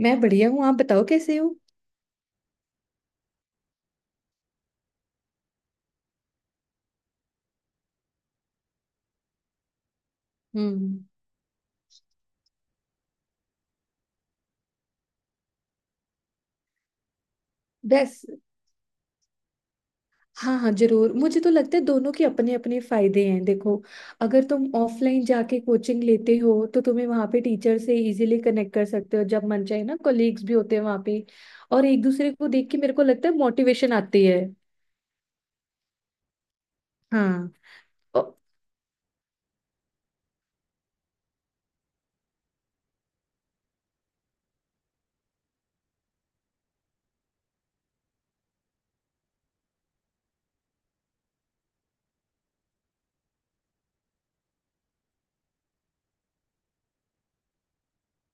मैं बढ़िया हूँ। आप बताओ कैसे हो? हम्म। बस। हाँ हाँ, जरूर। मुझे तो लगता है दोनों के अपने अपने फायदे हैं। देखो, अगर तुम ऑफलाइन जाके कोचिंग लेते हो तो तुम्हें वहाँ पे टीचर से इजीली कनेक्ट कर सकते हो जब मन चाहे ना। कोलीग्स भी होते हैं वहाँ पे, और एक दूसरे को देख के मेरे को लगता है मोटिवेशन आती है। हाँ।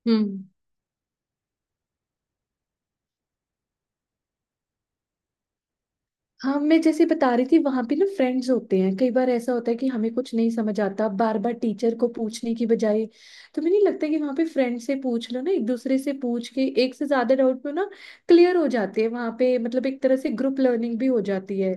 औ- हाँ, मैं जैसे बता रही थी, वहां पे ना फ्रेंड्स होते हैं। कई बार ऐसा होता है कि हमें कुछ नहीं समझ आता, बार बार टीचर को पूछने की बजाय तो मुझे नहीं लगता है कि वहां पे फ्रेंड से पूछ लो ना, एक दूसरे से पूछ के एक से ज्यादा डाउट में ना क्लियर हो जाते हैं वहां पे। मतलब एक तरह से ग्रुप लर्निंग भी हो जाती है।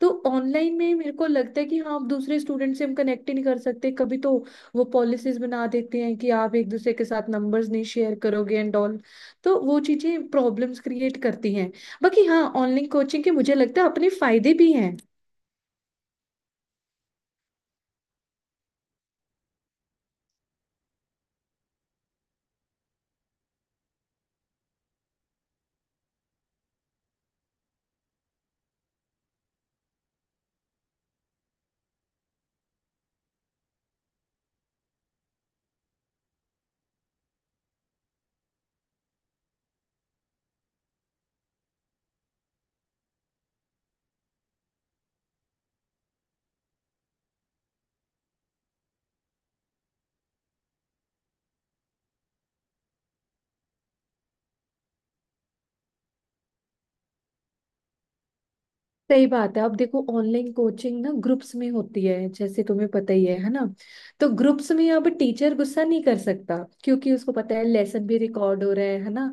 तो ऑनलाइन में मेरे को लगता है कि हाँ, आप दूसरे स्टूडेंट से हम कनेक्ट ही नहीं कर सकते कभी। तो वो पॉलिसीज बना देते हैं कि आप एक दूसरे के साथ नंबर्स नहीं शेयर करोगे एंड ऑल। तो वो चीजें प्रॉब्लम्स क्रिएट करती हैं। बाकी हाँ, ऑनलाइन कोचिंग के मुझे लगता है अपने फायदे भी हैं। सही बात है। अब देखो, ऑनलाइन कोचिंग ना ग्रुप्स में होती है, जैसे तुम्हें पता ही है ना। तो ग्रुप्स में अब टीचर गुस्सा नहीं कर सकता, क्योंकि उसको पता है लेसन भी रिकॉर्ड हो रहा है ना।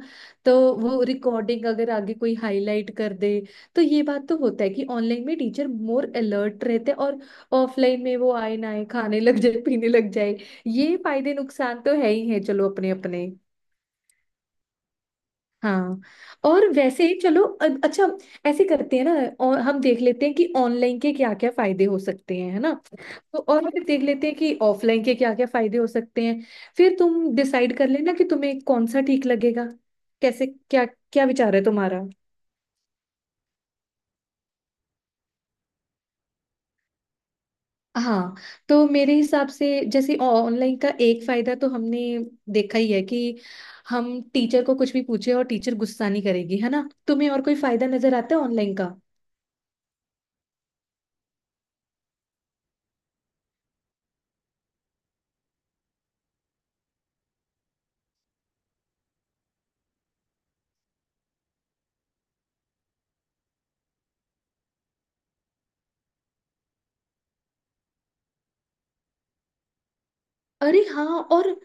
तो वो रिकॉर्डिंग अगर आगे कोई हाईलाइट कर दे, तो ये बात तो होता है कि ऑनलाइन में टीचर मोर अलर्ट रहते हैं। और ऑफलाइन में वो आए ना आए, खाने लग जाए, पीने लग जाए। ये फायदे नुकसान तो है ही है, चलो, अपने अपने। हाँ। और वैसे ही चलो, अच्छा, ऐसे करते हैं ना, और हम देख लेते हैं कि ऑनलाइन के क्या क्या फायदे हो सकते हैं, है ना। तो और फिर देख लेते हैं कि ऑफलाइन के क्या क्या फायदे हो सकते हैं। फिर तुम डिसाइड कर लेना कि तुम्हें कौन सा ठीक लगेगा। कैसे, क्या? क्या विचार है तुम्हारा? हाँ। तो मेरे हिसाब से जैसे ऑनलाइन का एक फायदा तो हमने देखा ही है कि हम टीचर को कुछ भी पूछे और टीचर गुस्सा नहीं करेगी, है ना। तुम्हें और कोई फायदा नजर आता है ऑनलाइन का? अरे हाँ। और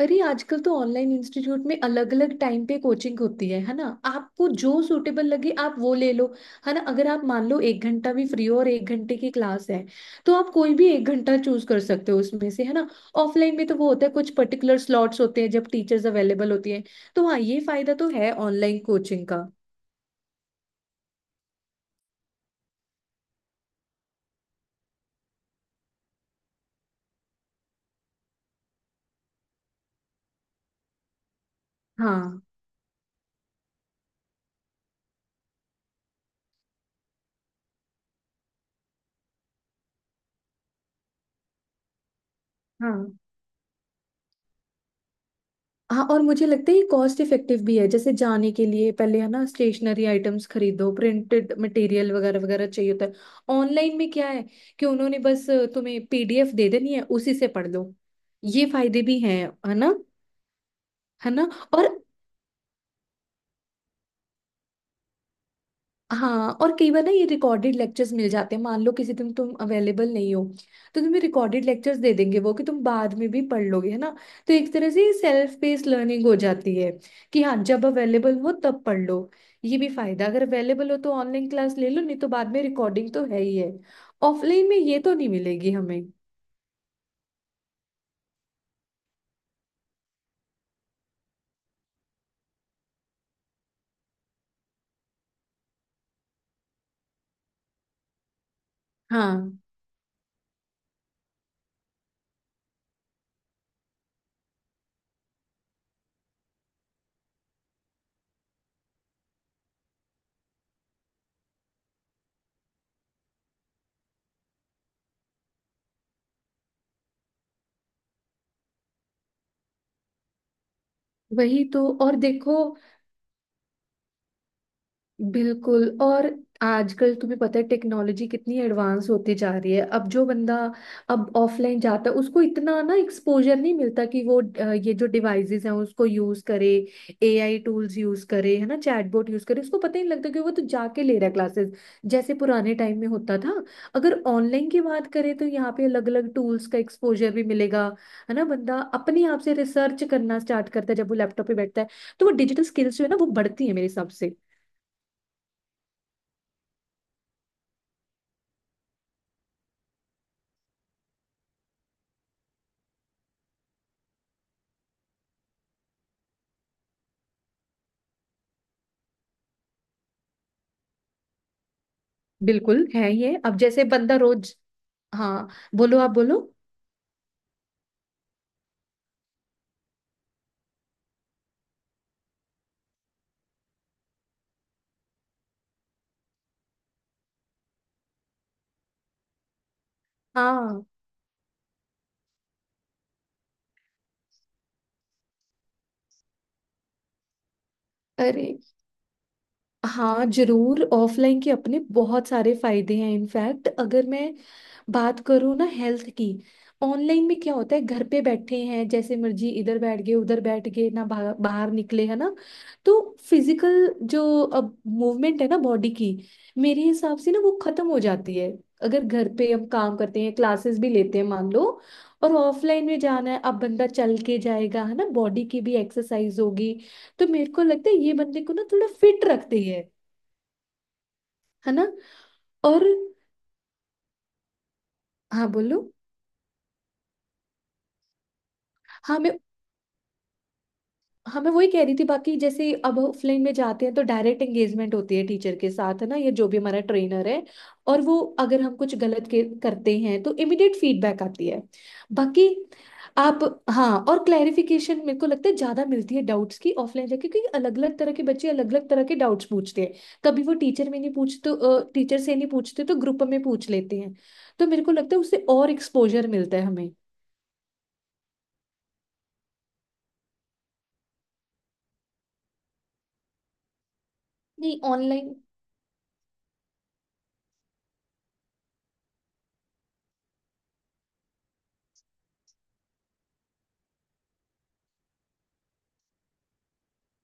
अरे आजकल तो ऑनलाइन इंस्टीट्यूट में अलग अलग टाइम पे कोचिंग होती है ना। आपको जो सूटेबल लगे आप वो ले लो। है ना, अगर आप मान लो एक घंटा भी फ्री हो और एक घंटे की क्लास है, तो आप कोई भी एक घंटा चूज कर सकते हो उसमें से, है ना। ऑफलाइन में तो वो होता है, कुछ पर्टिकुलर स्लॉट्स होते हैं जब टीचर्स अवेलेबल होती हैं। तो हाँ, ये फायदा तो है ऑनलाइन कोचिंग का। हाँ हाँ हाँ। और मुझे लगता है ये कॉस्ट इफेक्टिव भी है, जैसे जाने के लिए पहले है ना, स्टेशनरी आइटम्स खरीदो, प्रिंटेड मटेरियल वगैरह वगैरह चाहिए होता है। ऑनलाइन में क्या है कि उन्होंने बस तुम्हें पीडीएफ दे देनी है, उसी से पढ़ लो। ये फायदे भी हैं, है ना। है ना, और हाँ, और कई बार ना ये रिकॉर्डेड लेक्चर्स मिल जाते हैं, मान लो किसी दिन तुम अवेलेबल नहीं हो, तो तुम्हें रिकॉर्डेड लेक्चर्स दे देंगे वो, कि तुम बाद में भी पढ़ लोगे, है ना। तो एक तरह से सेल्फ पेस लर्निंग हो जाती है, कि हाँ, जब अवेलेबल हो तब पढ़ लो। ये भी फायदा, अगर अवेलेबल हो तो ऑनलाइन क्लास ले लो, नहीं तो बाद में रिकॉर्डिंग तो है ही है। ऑफलाइन में ये तो नहीं मिलेगी हमें। हाँ। वही तो, और देखो, बिल्कुल, और आजकल तुम्हें पता है टेक्नोलॉजी कितनी एडवांस होती जा रही है। अब जो बंदा अब ऑफलाइन जाता है उसको इतना ना एक्सपोजर नहीं मिलता कि वो ये जो डिवाइसेस हैं उसको यूज करे, एआई टूल्स यूज करे, है ना, चैटबॉट यूज करे। उसको पता ही नहीं लगता कि वो तो जाके ले रहा है क्लासेस, जैसे पुराने टाइम में होता था। अगर ऑनलाइन की बात करें तो यहाँ पे अलग अलग टूल्स का एक्सपोजर भी मिलेगा, है ना। बंदा अपने आप से रिसर्च करना स्टार्ट करता है जब वो लैपटॉप पे बैठता है, तो वो डिजिटल स्किल्स जो है ना, वो बढ़ती है मेरे हिसाब से। बिल्कुल है ये, अब जैसे बंदा रोज। हाँ बोलो, आप बोलो। हाँ। अरे हाँ, जरूर, ऑफलाइन के अपने बहुत सारे फायदे हैं। इनफैक्ट अगर मैं बात करूँ ना हेल्थ की, ऑनलाइन में क्या होता है, घर पे बैठे हैं जैसे मर्जी, इधर बैठ गए, उधर बैठ गए ना, बाहर बाहर निकले, है ना। तो फिजिकल जो अब मूवमेंट है ना बॉडी की, मेरे हिसाब से ना वो खत्म हो जाती है, अगर घर पे हम काम करते हैं, क्लासेस भी लेते हैं मान लो। और ऑफलाइन में जाना है, अब बंदा चल के जाएगा, है ना, बॉडी की भी एक्सरसाइज होगी। तो मेरे को लगता है ये बंदे को ना थोड़ा फिट रखती है ना। और हाँ बोलो। हाँ मैं हाँ मैं वही कह रही थी, बाकी जैसे अब ऑफलाइन में जाते हैं तो डायरेक्ट एंगेजमेंट होती है टीचर के साथ, है ना। ये जो भी हमारा ट्रेनर है, और वो अगर हम कुछ गलत करते हैं तो इमिडिएट फीडबैक आती है। बाकी आप। हाँ, और क्लैरिफिकेशन मेरे को लगता है ज्यादा मिलती है डाउट्स की ऑफलाइन जाके, क्योंकि अलग अलग तरह के बच्चे अलग अलग तरह के डाउट्स पूछते हैं। कभी वो टीचर में नहीं पूछते, टीचर से नहीं पूछते तो ग्रुप में पूछ लेते हैं। तो मेरे को लगता है उससे और एक्सपोजर मिलता है हमें। नहीं ऑनलाइन,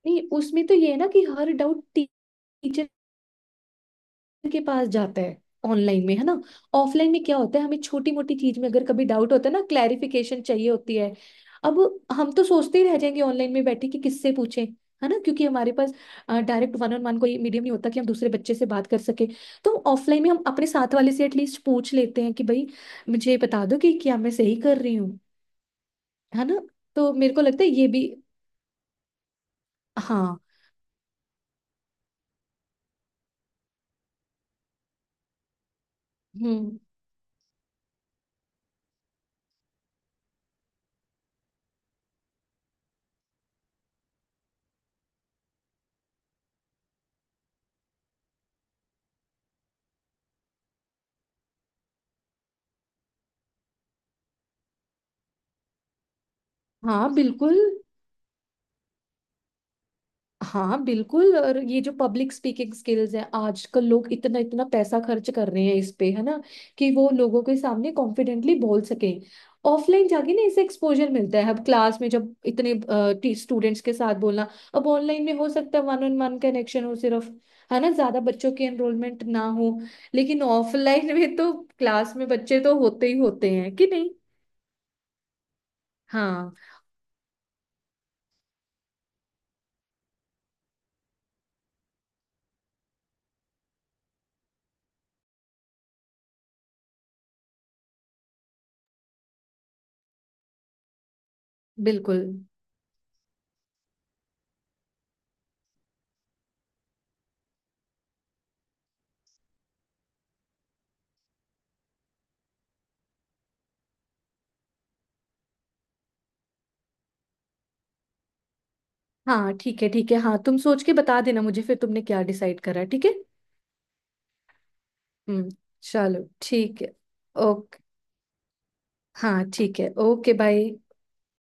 नहीं, उसमें तो ये है ना कि हर डाउट टीचर के पास जाता है ऑनलाइन में, है ना। ऑफलाइन में क्या होता है, हमें छोटी मोटी चीज में अगर कभी डाउट होता है ना, क्लैरिफिकेशन चाहिए होती है। अब हम तो सोचते ही रह जाएंगे ऑनलाइन में बैठे कि किससे पूछें, है ना, क्योंकि हमारे पास डायरेक्ट वन ऑन वन कोई मीडियम नहीं होता कि हम दूसरे बच्चे से बात कर सके। तो ऑफलाइन में हम अपने साथ वाले से एटलीस्ट पूछ लेते हैं कि भाई मुझे बता दो कि क्या मैं सही कर रही हूँ। है ना। तो मेरे को लगता है ये भी। हाँ हम्म। हाँ बिल्कुल। हाँ बिल्कुल, और ये जो पब्लिक स्पीकिंग स्किल्स हैं, आजकल लोग इतना इतना पैसा खर्च कर रहे हैं इस पे, है ना, कि वो लोगों के सामने कॉन्फिडेंटली बोल सकें। ऑफलाइन जाके ना इसे एक्सपोजर मिलता है, अब क्लास में जब इतने स्टूडेंट्स के साथ बोलना। अब ऑनलाइन में हो सकता है वन ऑन वन कनेक्शन हो सिर्फ, है ना, ज्यादा बच्चों की एनरोलमेंट ना हो। लेकिन ऑफलाइन में तो क्लास में बच्चे तो होते ही होते हैं, कि नहीं? हाँ बिल्कुल। हाँ ठीक है, ठीक है, हाँ तुम सोच के बता देना मुझे फिर तुमने क्या डिसाइड करा। ठीक है? हम्म। चलो, ठीक है। ओके। हाँ ठीक है। Okay, bye.